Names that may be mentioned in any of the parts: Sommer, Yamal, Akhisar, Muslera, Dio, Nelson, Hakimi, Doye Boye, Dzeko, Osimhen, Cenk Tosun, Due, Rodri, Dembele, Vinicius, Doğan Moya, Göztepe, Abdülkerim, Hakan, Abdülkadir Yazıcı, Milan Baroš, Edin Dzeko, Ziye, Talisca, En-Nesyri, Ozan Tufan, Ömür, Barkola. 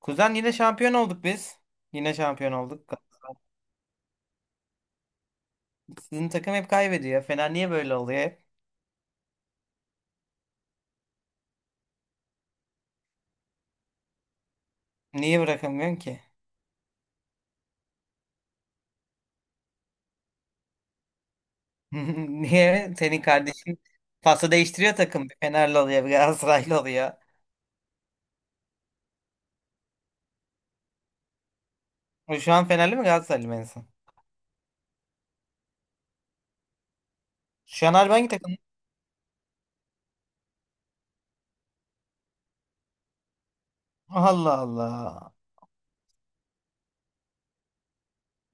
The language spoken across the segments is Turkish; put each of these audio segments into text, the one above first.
Kuzen yine şampiyon olduk biz. Yine şampiyon olduk. Sizin takım hep kaybediyor. Fener niye böyle oluyor hep? Niye bırakamıyorsun ki? Niye? Senin kardeşin pası değiştiriyor takım. Bir Fenerli oluyor, bir Galatasaraylı oluyor. O şu an Fenerli mi Galatasaraylı mı en son? Şu an harbi hangi takım? Allah Allah.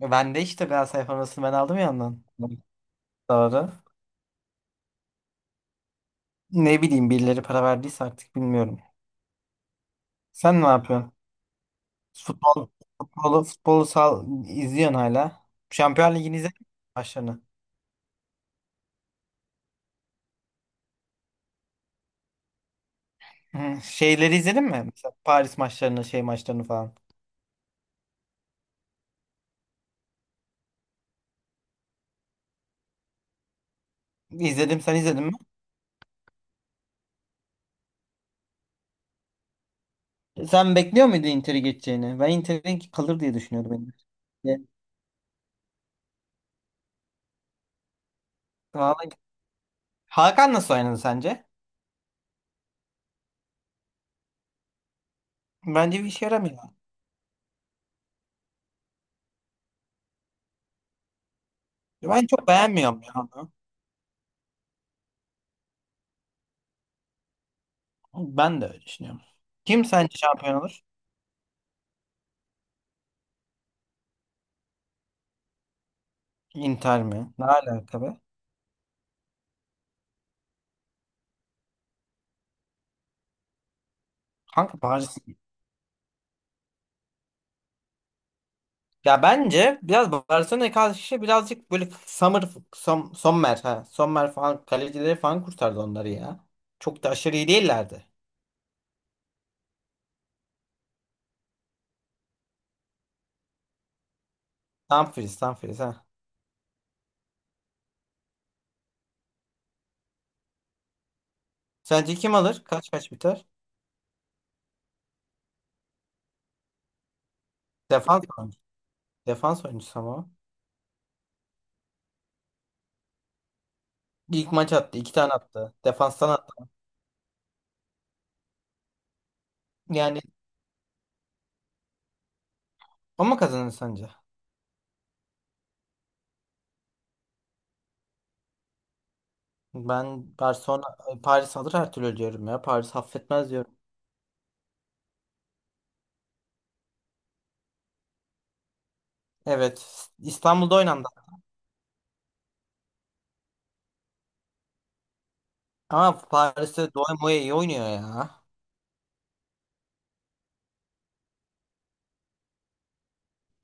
Ben de işte Galatasaray formasını ben aldım ya ondan. Doğru. Ne bileyim birileri para verdiyse artık bilmiyorum. Sen ne yapıyorsun? Futbol, Futbolu sal, izliyorsun hala. Şampiyon Ligi'ni izledin mi başlarını? Hı, şeyleri izledin mi? Mesela Paris maçlarını, şey maçlarını falan. İzledim, sen izledin mi? Sen bekliyor muydun Inter'i geçeceğini? Ben Inter'in kalır diye düşünüyordum. Ben de. Vallahi. Hakan nasıl oynadı sence? Bence bir işe yaramıyor. Ben çok beğenmiyorum ya onu. Ben de öyle düşünüyorum. Kim sence şampiyon olur? Inter mi? Ne alaka be? Kanka Paris. Ya bence biraz Barcelona'ya karşı birazcık böyle Sommer, ha. Sommer falan kalecileri falan kurtardı onları ya. Çok da aşırı iyi değillerdi. Tam freeze ha. Sence kim alır? Kaç kaç biter? Defans oyuncusu. Defans oyuncusu ama. O. İlk maç attı, iki tane attı. Defanstan attı. Yani ama kazanır sence? Ben Barcelona Paris alır her türlü diyorum ya. Paris affetmez diyorum. Evet. İstanbul'da oynandı. Ama Paris'te Doğan Moya iyi oynuyor ya.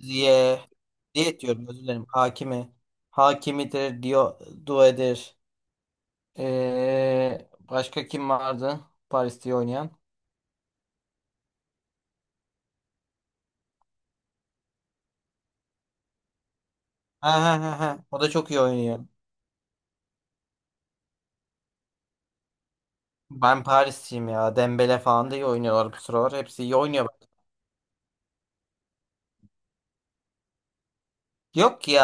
Ziye. Ziye diyorum özür dilerim. Hakimi. Hakimidir. Due'dir. Başka kim vardı? Paris'te iyi oynayan. Ha ha ha ha. O da çok iyi oynuyor. Ben Paris'teyim ya. Dembele falan da iyi oynuyorlar bu sıralar. Hepsi iyi oynuyor. Yok ya.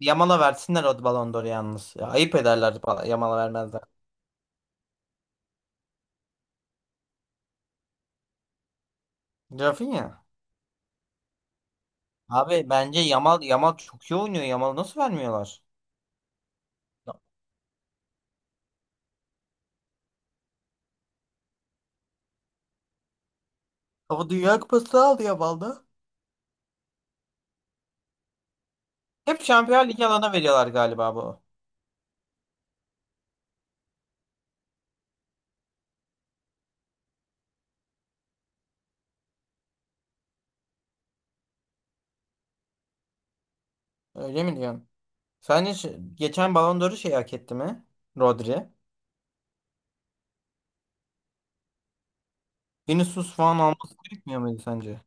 Yamal'a versinler o Ballon d'Or'u yalnız. Ya, ayıp ederler Yamal'a vermezler. Rafinha. Abi bence Yamal çok iyi oynuyor. Yamal'ı nasıl vermiyorlar? Ama Dünya Kupası'nı aldı Yamal'da. Hep Şampiyonlar Ligi alana veriyorlar galiba bu. Öyle mi diyorsun? Sence geçen Ballon d'Or'u şey hak etti mi? Rodri. Vinicius falan alması gerekmiyor muydu sence?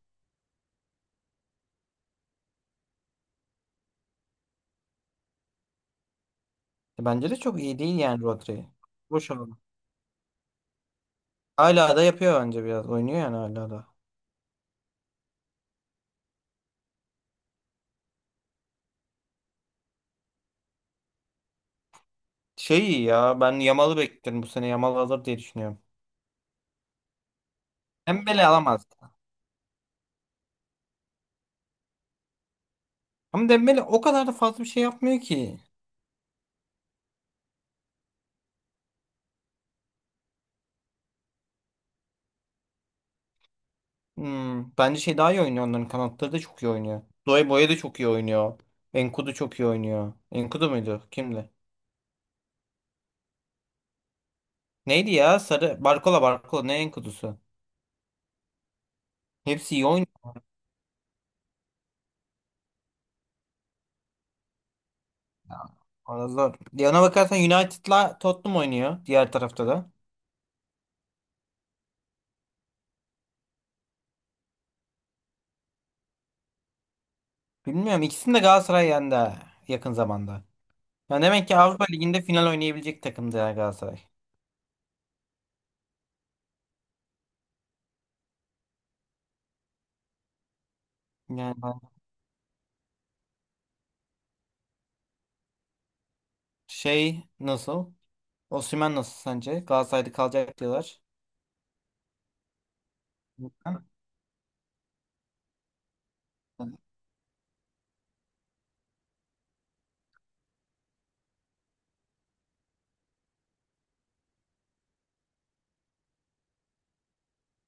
Bence de çok iyi değil yani Rodri. Boş al. Hala da yapıyor bence biraz. Oynuyor yani hala da. Şey iyi ya ben Yamal'ı bekliyorum bu sene. Yamal alır diye düşünüyorum. Dembele alamaz. Ama Dembele o kadar da fazla bir şey yapmıyor ki. Hmm, bence şey daha iyi oynuyor. Onların kanatları da çok iyi oynuyor. Doye Boye de çok iyi oynuyor. Enkudu çok iyi oynuyor. Enkudu muydu? Kimdi? Neydi ya? Sarı. Barkola. Ne Enkudu'su? Hepsi iyi oynuyor. Ya. Valla zor. Ya ona bakarsan United'la Tottenham oynuyor. Diğer tarafta da. Bilmiyorum. İkisini de Galatasaray yendi ha, yakın zamanda. Ya demek ki Avrupa Ligi'nde final oynayabilecek takımdı ya Galatasaray. Yani şey nasıl? Osimhen nasıl sence? Galatasaray'da kalacak diyorlar.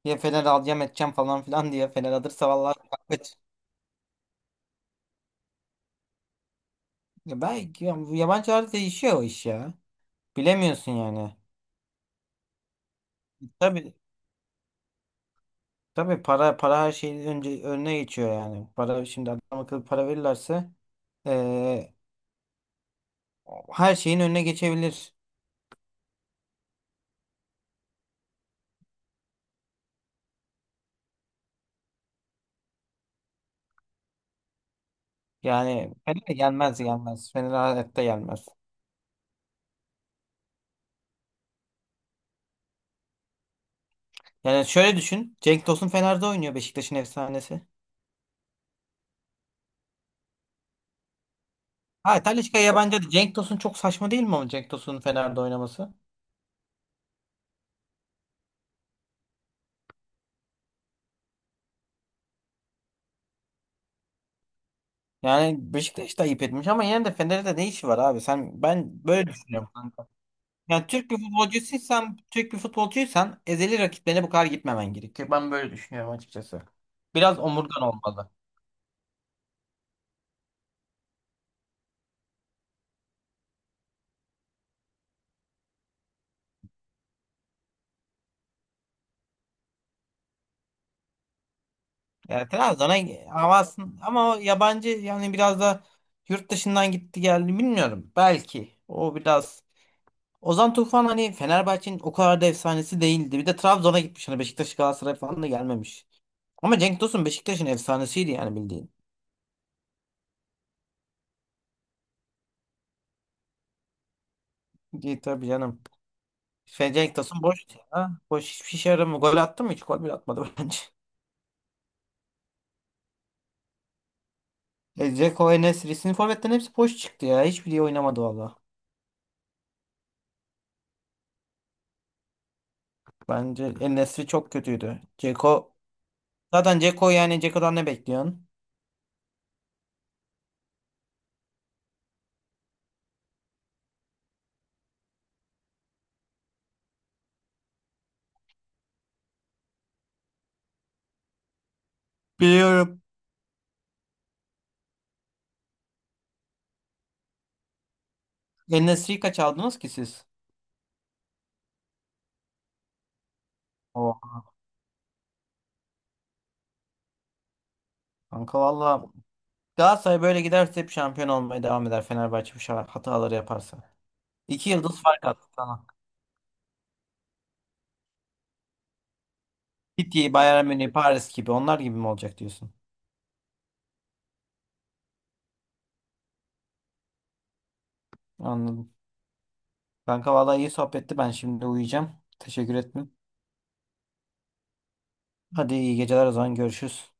Ya Fener alacağım edeceğim falan filan diye. Fener alırsa vallahi kaç. Ya belki ya bu yabancılarda değişiyor o iş ya. Bilemiyorsun yani. Tabii tabii para para her şeyin önüne geçiyor yani. Para şimdi adam akıllı para verirlerse eee, her şeyin önüne geçebilir. Yani Fener gelmez, Fener hayatta gelmez. Yani şöyle düşün. Cenk Tosun Fener'de oynuyor, Beşiktaş'ın efsanesi. Ha Talisca yabancı. Cenk Tosun çok saçma değil mi ama Cenk Tosun'un Fener'de oynaması? Yani Beşiktaş da ayıp etmiş ama yine de Fener'de ne işi var abi? Sen ben böyle düşünüyorum kanka. Yani Türk bir futbolcuysan ezeli rakiplerine bu kadar gitmemen gerekiyor. Ben böyle düşünüyorum açıkçası. Biraz omurgan olmalı. Yani Trabzon'a havasın ama o yabancı yani biraz da yurt dışından gitti geldi bilmiyorum. Belki o biraz Ozan Tufan hani Fenerbahçe'nin o kadar da efsanesi değildi. Bir de Trabzon'a gitmiş. Hani Beşiktaş Galatasaray falan da gelmemiş. Ama Cenk Tosun Beşiktaş'ın efsanesiydi yani bildiğin. İyi tabii canım. Şey, Cenk Tosun boş ya. Boş hiçbir şey yaramıyor. Gol attı mı? Hiç gol bile atmadı bence. E, Dzeko, En-Nesyri. Sizin forvetlerin hepsi boş çıktı ya. Hiçbiri oynamadı valla. Bence En-Nesyri çok kötüydü. Dzeko. Zaten Dzeko yani Dzeko'dan ne bekliyorsun? Biliyorum. En-Nesyri'yi kaç aldınız ki siz? Oh, kanka valla Galatasaray böyle giderse hep şampiyon olmaya devam eder, Fenerbahçe bu hataları yaparsa. İki yıldız fark attı sana. City, Bayern Münih, Paris gibi onlar gibi mi olacak diyorsun? Anladım. Kanka vallahi iyi sohbetti, ben şimdi uyuyacağım. Teşekkür ettim. Hadi iyi geceler o zaman görüşürüz.